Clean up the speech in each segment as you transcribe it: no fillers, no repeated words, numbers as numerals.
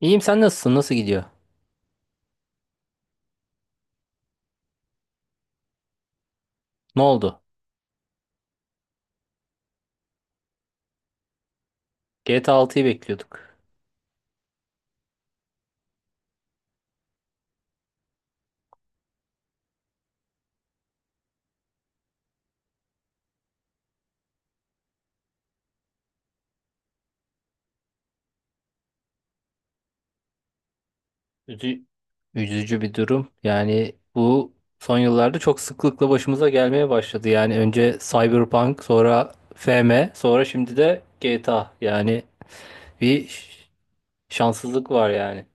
İyiyim, sen nasılsın? Nasıl gidiyor? Ne oldu? GTA 6'yı bekliyorduk. Üzü- Üzücü bir durum. Yani bu son yıllarda çok sıklıkla başımıza gelmeye başladı. Yani önce Cyberpunk, sonra FM, sonra şimdi de GTA. Yani bir şanssızlık var yani.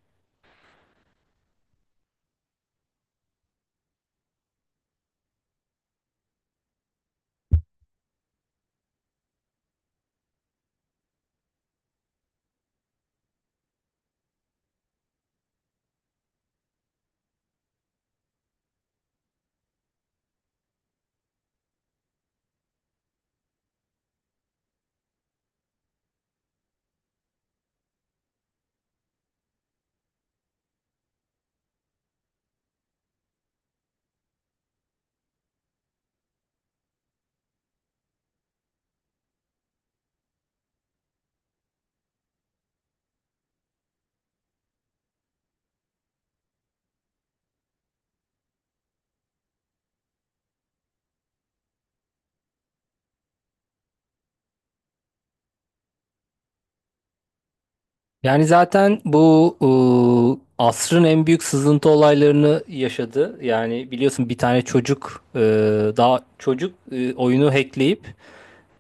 Yani zaten bu asrın en büyük sızıntı olaylarını yaşadı. Yani biliyorsun bir tane çocuk daha çocuk oyunu hackleyip...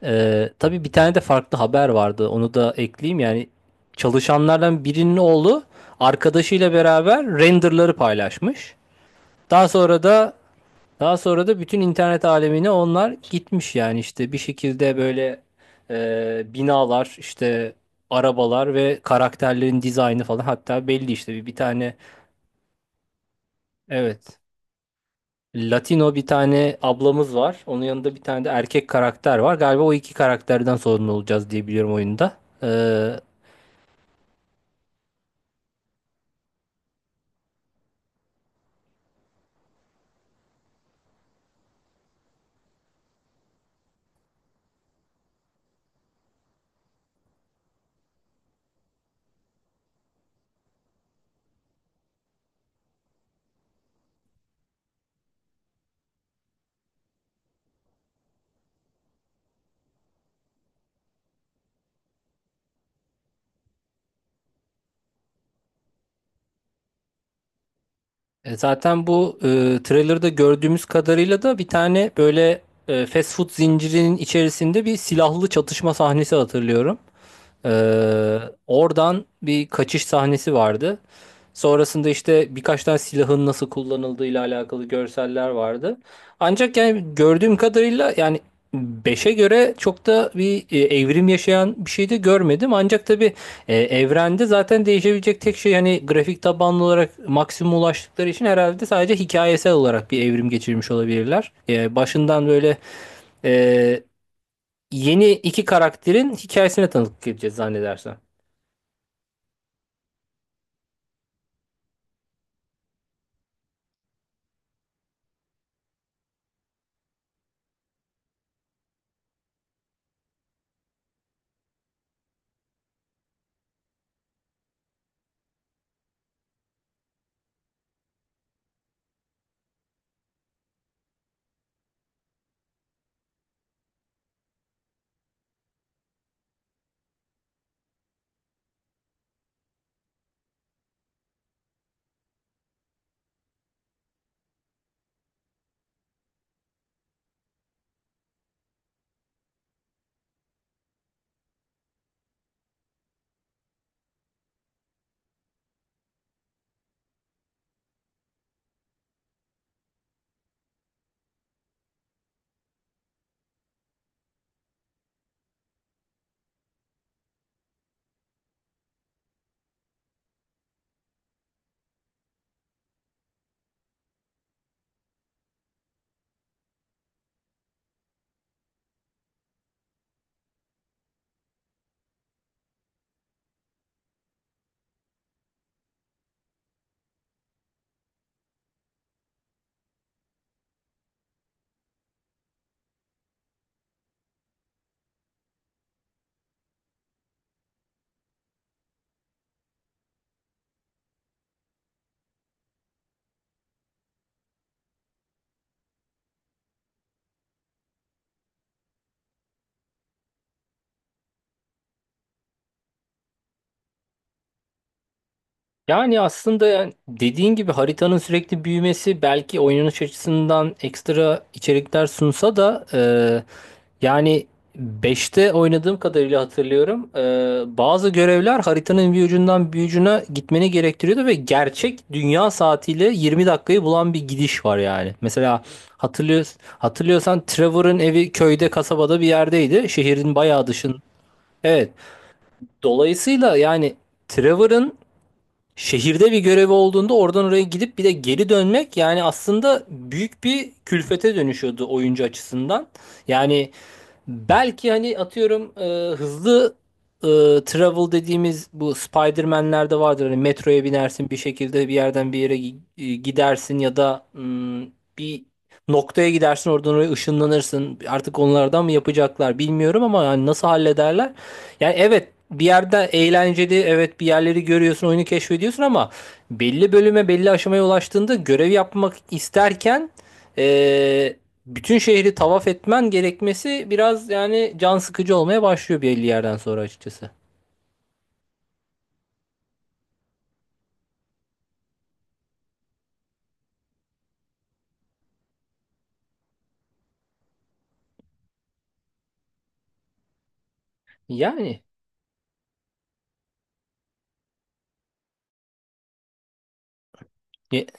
Tabii bir tane de farklı haber vardı. Onu da ekleyeyim. Yani çalışanlardan birinin oğlu arkadaşıyla beraber renderları paylaşmış. Daha sonra da daha sonra da bütün internet alemine onlar gitmiş, yani işte bir şekilde böyle binalar, işte arabalar ve karakterlerin dizaynı falan, hatta belli işte bir tane, evet, Latino bir tane ablamız var. Onun yanında bir tane de erkek karakter var. Galiba o iki karakterden sorumlu olacağız diye biliyorum oyunda. Ee, Zaten bu trailer'da gördüğümüz kadarıyla da bir tane böyle fast food zincirinin içerisinde bir silahlı çatışma sahnesi hatırlıyorum. E, Oradan bir kaçış sahnesi vardı. Sonrasında işte birkaç tane silahın nasıl kullanıldığıyla alakalı görseller vardı. Ancak yani gördüğüm kadarıyla yani beşe göre çok da bir evrim yaşayan bir şey de görmedim. Ancak tabii evrende zaten değişebilecek tek şey, hani grafik tabanlı olarak maksimum ulaştıkları için, herhalde sadece hikayesel olarak bir evrim geçirmiş olabilirler. Başından böyle e, yeni iki karakterin hikayesine tanıklık edeceğiz zannedersem. Yani aslında, yani dediğin gibi haritanın sürekli büyümesi belki oynanış açısından ekstra içerikler sunsa da, yani beşte oynadığım kadarıyla hatırlıyorum. Bazı görevler haritanın bir ucundan bir ucuna gitmeni gerektiriyordu ve gerçek dünya saatiyle 20 dakikayı bulan bir gidiş var yani. Mesela hatırlıyor, hatırlıyorsan Trevor'ın evi köyde, kasabada bir yerdeydi. Şehrin bayağı dışın. Evet. Dolayısıyla yani Trevor'ın şehirde bir görevi olduğunda oradan oraya gidip bir de geri dönmek, yani aslında büyük bir külfete dönüşüyordu oyuncu açısından. Yani belki hani atıyorum hızlı e, travel dediğimiz, bu Spider-Man'lerde vardır. Hani metroya binersin, bir şekilde bir yerden bir yere gidersin, ya da bir noktaya gidersin, oradan oraya ışınlanırsın. Artık onlardan mı yapacaklar bilmiyorum, ama yani nasıl hallederler? Yani evet, bir yerde eğlenceli, evet, bir yerleri görüyorsun, oyunu keşfediyorsun, ama belli bölüme, belli aşamaya ulaştığında görev yapmak isterken e, bütün şehri tavaf etmen gerekmesi biraz yani can sıkıcı olmaya başlıyor belli yerden sonra açıkçası. Yani e-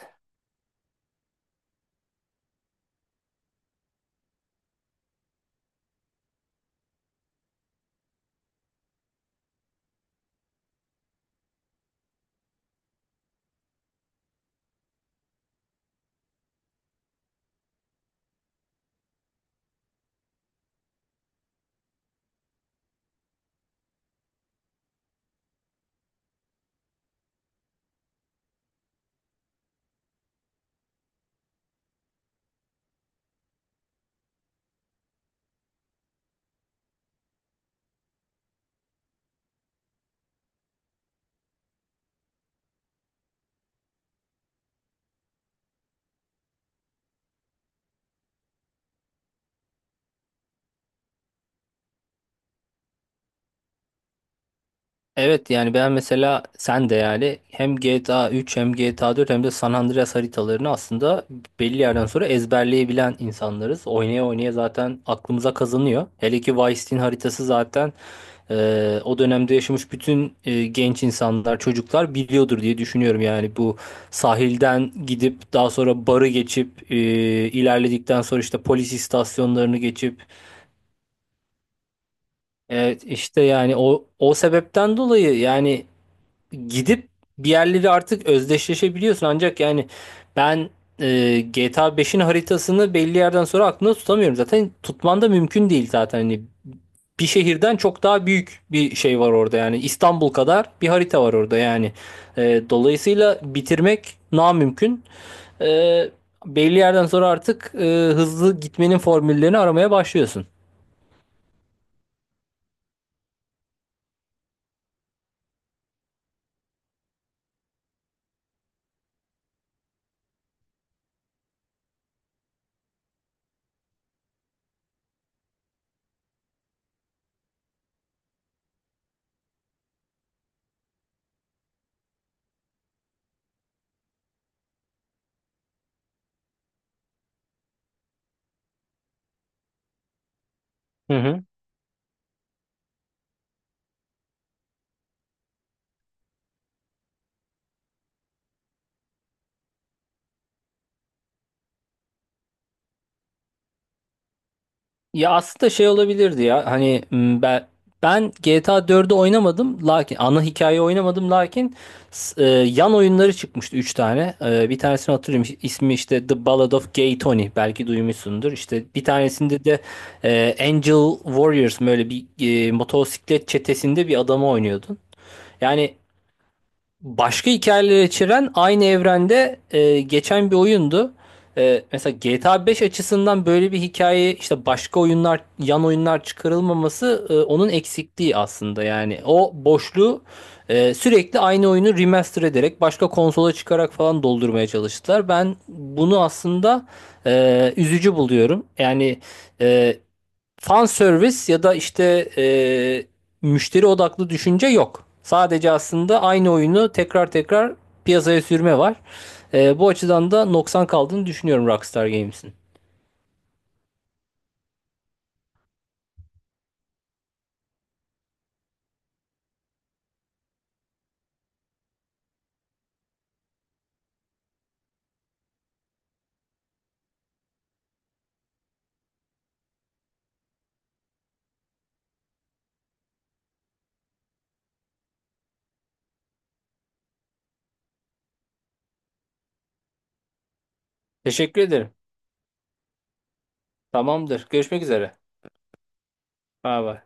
evet, yani ben mesela, sen de yani, hem GTA 3 hem GTA 4 hem de San Andreas haritalarını aslında belli yerden sonra ezberleyebilen insanlarız. Oynaya oynaya zaten aklımıza kazanıyor. Hele ki Vice City'nin haritası zaten... O dönemde yaşamış bütün genç insanlar, çocuklar biliyordur diye düşünüyorum. Yani bu sahilden gidip daha sonra barı geçip ilerledikten sonra işte polis istasyonlarını geçip, evet, işte yani o sebepten dolayı yani gidip bir yerleri artık özdeşleşebiliyorsun. Ancak yani ben GTA beş'in haritasını belli yerden sonra aklımda tutamıyorum. Zaten tutman da mümkün değil zaten. Hani bir şehirden çok daha büyük bir şey var orada yani. İstanbul kadar bir harita var orada yani. Dolayısıyla bitirmek namümkün. E, Belli yerden sonra artık hızlı gitmenin formüllerini aramaya başlıyorsun. Hı hı. Ya aslında şey olabilirdi, ya hani, ben GTA 4'ü oynamadım, lakin ana hikayeyi oynamadım lakin yan oyunları çıkmıştı, 3 tane. Bir tanesini hatırlıyorum, ismi işte The Ballad of Gay Tony, belki duymuşsundur. İşte bir tanesinde de Angel Warriors, böyle bir motosiklet çetesinde bir adamı oynuyordun. Yani başka hikayeler içeren, aynı evrende geçen bir oyundu. Mesela GTA 5 açısından böyle bir hikaye, işte başka oyunlar, yan oyunlar çıkarılmaması, onun eksikliği aslında, yani o boşluğu sürekli aynı oyunu remaster ederek, başka konsola çıkarak falan doldurmaya çalıştılar. Ben bunu aslında üzücü buluyorum. Yani e, fan service ya da işte e, müşteri odaklı düşünce yok. Sadece aslında aynı oyunu tekrar tekrar piyasaya sürme var. Bu açıdan da noksan kaldığını düşünüyorum Rockstar Games'in. Teşekkür ederim. Tamamdır. Görüşmek üzere. Bay bay.